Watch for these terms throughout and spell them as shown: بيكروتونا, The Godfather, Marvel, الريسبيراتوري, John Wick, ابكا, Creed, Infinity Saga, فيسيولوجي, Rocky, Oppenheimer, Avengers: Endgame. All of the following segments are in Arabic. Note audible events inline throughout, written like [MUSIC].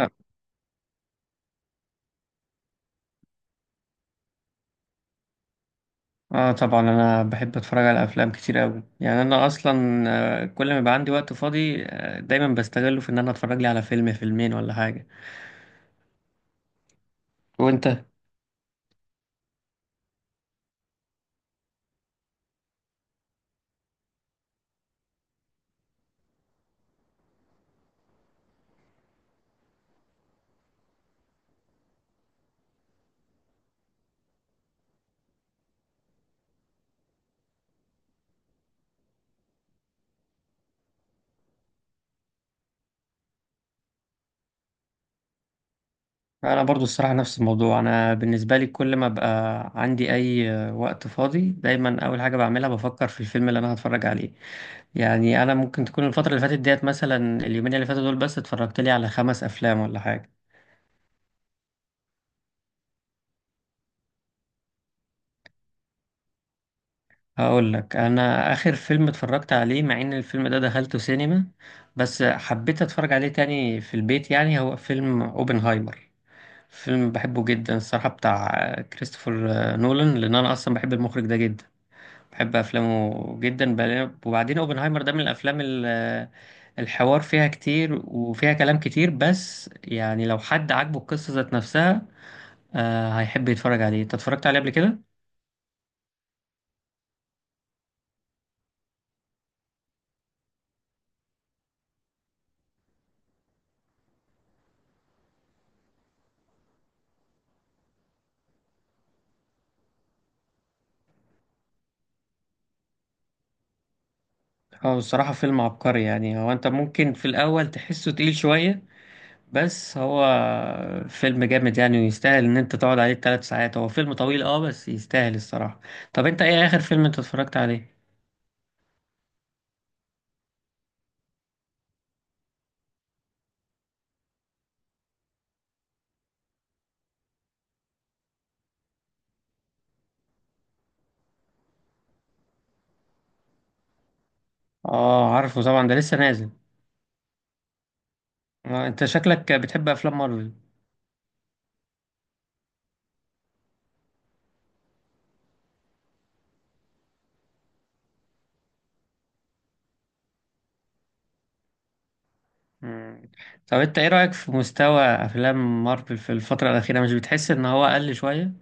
اه. طبعا انا بحب اتفرج على افلام كتير قوي. يعني انا اصلا كل ما يبقى عندي وقت فاضي دايما بستغله في ان انا اتفرج لي على فيلم فيلمين ولا حاجه. وانت؟ انا برضو الصراحه نفس الموضوع. انا بالنسبه لي كل ما بقى عندي اي وقت فاضي دايما اول حاجه بعملها بفكر في الفيلم اللي انا هتفرج عليه. يعني انا ممكن تكون الفتره اللي فاتت ديت مثلا اليومين اللي فاتوا دول بس اتفرجت لي على 5 افلام ولا حاجه. هقول لك. انا اخر فيلم اتفرجت عليه مع ان الفيلم ده دخلته سينما، بس حبيت اتفرج عليه تاني في البيت. يعني هو فيلم اوبنهايمر، فيلم بحبه جدا الصراحة، بتاع كريستوفر نولان، لان انا اصلا بحب المخرج ده جدا، بحب افلامه جدا. وبعدين اوبنهايمر ده من الافلام الحوار فيها كتير وفيها كلام كتير. بس يعني لو حد عاجبه القصة ذات نفسها هيحب يتفرج عليه. انت اتفرجت عليه قبل كده؟ هو بصراحة فيلم عبقري. يعني هو انت ممكن في الاول تحسه تقيل شوية، بس هو فيلم جامد يعني، ويستاهل ان انت تقعد عليه 3 ساعات. هو فيلم طويل اه بس يستاهل الصراحة. طب انت ايه اخر فيلم انت اتفرجت عليه؟ اه عارفه طبعا، ده لسه نازل. انت شكلك بتحب افلام مارفل؟ مم. طب انت ايه رأيك في مستوى افلام مارفل في الفترة الاخيرة؟ مش بتحس ان هو اقل شوية؟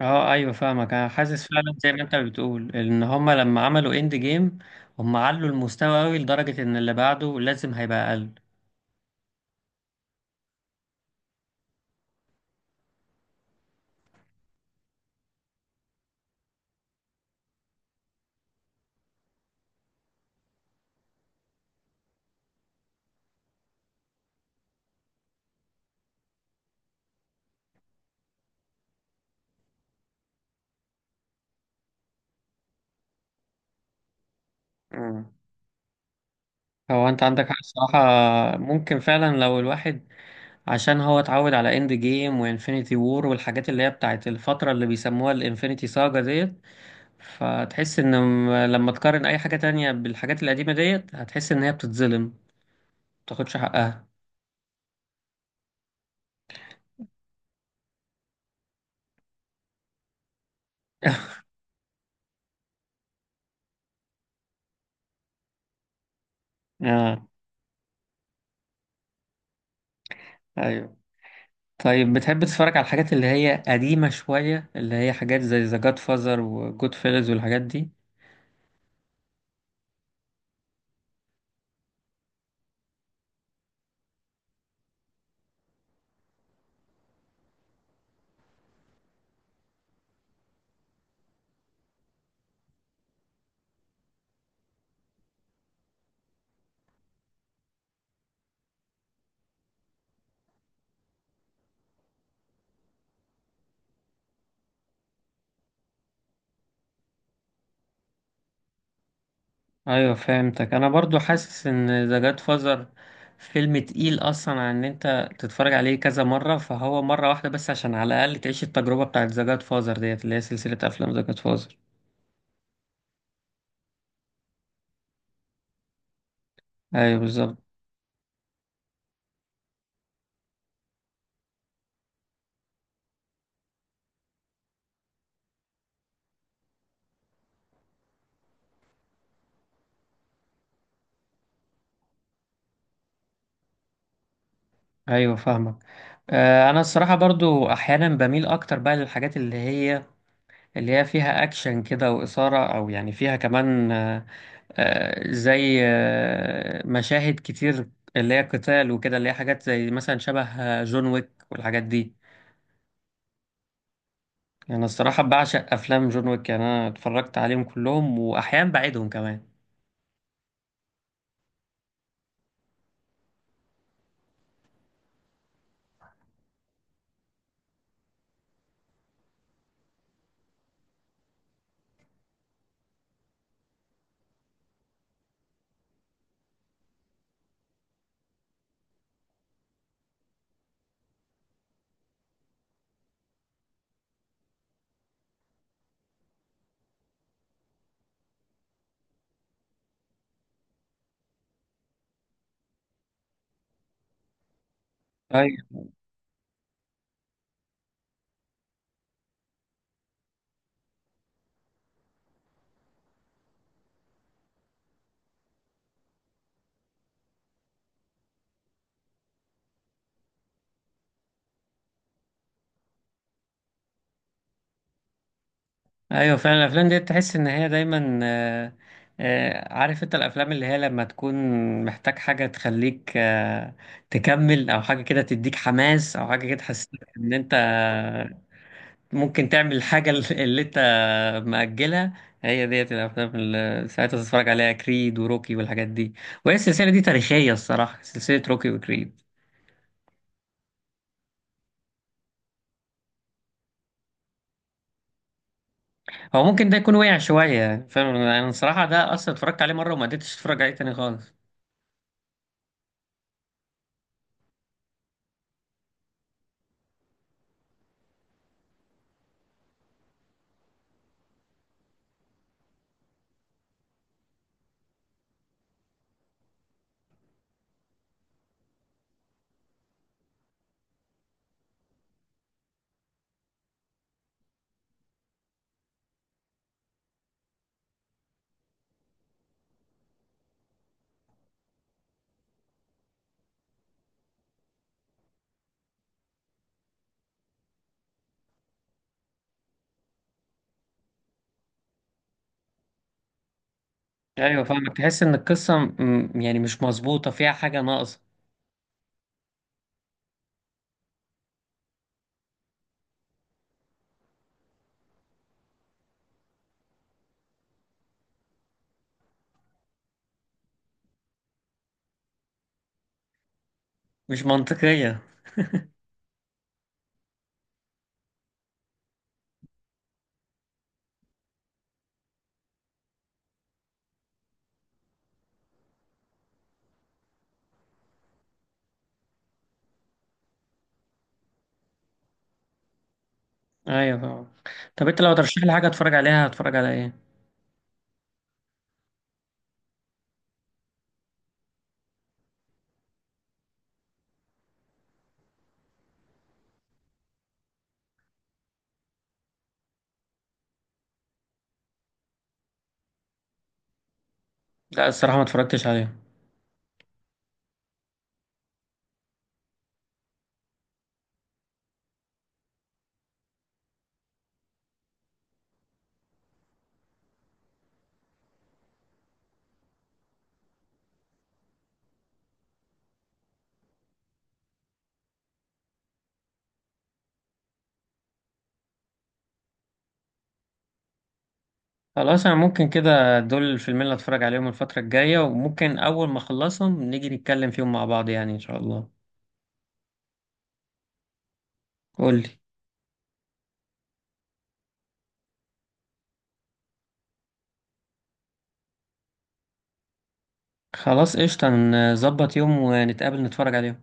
اه ايوه فاهمك. انا حاسس فعلا زي ما انت بتقول ان هما لما عملوا اند جيم هما علوا المستوى قوي لدرجة ان اللي بعده لازم هيبقى اقل. مم. هو انت عندك حق الصراحة. ممكن فعلا لو الواحد، عشان هو اتعود على اند جيم وانفينيتي وور والحاجات اللي هي بتاعت الفترة اللي بيسموها الانفينيتي ساجا ديت، فتحس ان لما تقارن اي حاجة تانية بالحاجات القديمة ديت هتحس ان هي بتتظلم، متاخدش حقها. [LAUGHS] اه ايوه. طيب بتحب تتفرج على الحاجات اللي هي قديمة شوية؟ اللي هي حاجات زي ذا جاد فازر وجود فيلز والحاجات دي؟ أيوة فهمتك. أنا برضو حاسس إن ذا جاد فازر فيلم تقيل أصلا عن إن أنت تتفرج عليه كذا مرة، فهو مرة واحدة بس عشان على الأقل تعيش التجربة بتاعت ذا جاد فازر ديت اللي هي سلسلة أفلام ذا جاد فازر. أيوة بالظبط. أيوة فاهمك. أنا الصراحة برضو أحيانا بميل أكتر بقى للحاجات اللي هي، اللي هي فيها أكشن كده وإثارة، أو يعني فيها كمان زي مشاهد كتير اللي هي قتال وكده، اللي هي حاجات زي مثلا شبه جون ويك والحاجات دي. يعني الصراحة بعشق أفلام جون ويك. يعني أنا اتفرجت عليهم كلهم وأحيانا بعيدهم كمان. أيوة. أيوة فعلا. الأفلام دي تحس إن هي دايما عارف أنت الأفلام اللي هي لما تكون محتاج حاجة تخليك تكمل، أو حاجة كده تديك حماس، أو حاجة كده تحسسك إن أنت ممكن تعمل الحاجة اللي طب مأجلها، هي ديت الأفلام اللي ساعتها تتفرج عليها، كريد وروكي والحاجات دي. وهي السلسلة دي تاريخية الصراحة، سلسلة روكي وكريد. هو ممكن ده يكون وقع شوية يعني فاهم. أنا الصراحة ده أصلا اتفرجت عليه مرة وما قدرتش أتفرج عليه تاني خالص. أيوة فاهمك. تحس إن القصة يعني مش مظبوطة، فيها حاجة ناقصة. مش منطقية. أيوة فاهمك. طب أنت لو ترشح لي حاجة أتفرج عليها هتفرج على إيه؟ لا الصراحة ما اتفرجتش عليها. خلاص. انا ممكن كده دول الفيلمين اللي اتفرج عليهم الفترة الجاية، وممكن اول ما اخلصهم نيجي نتكلم فيهم مع بعض يعني ان شاء الله. قولي. خلاص قشطة. نظبط يوم ونتقابل نتفرج عليهم.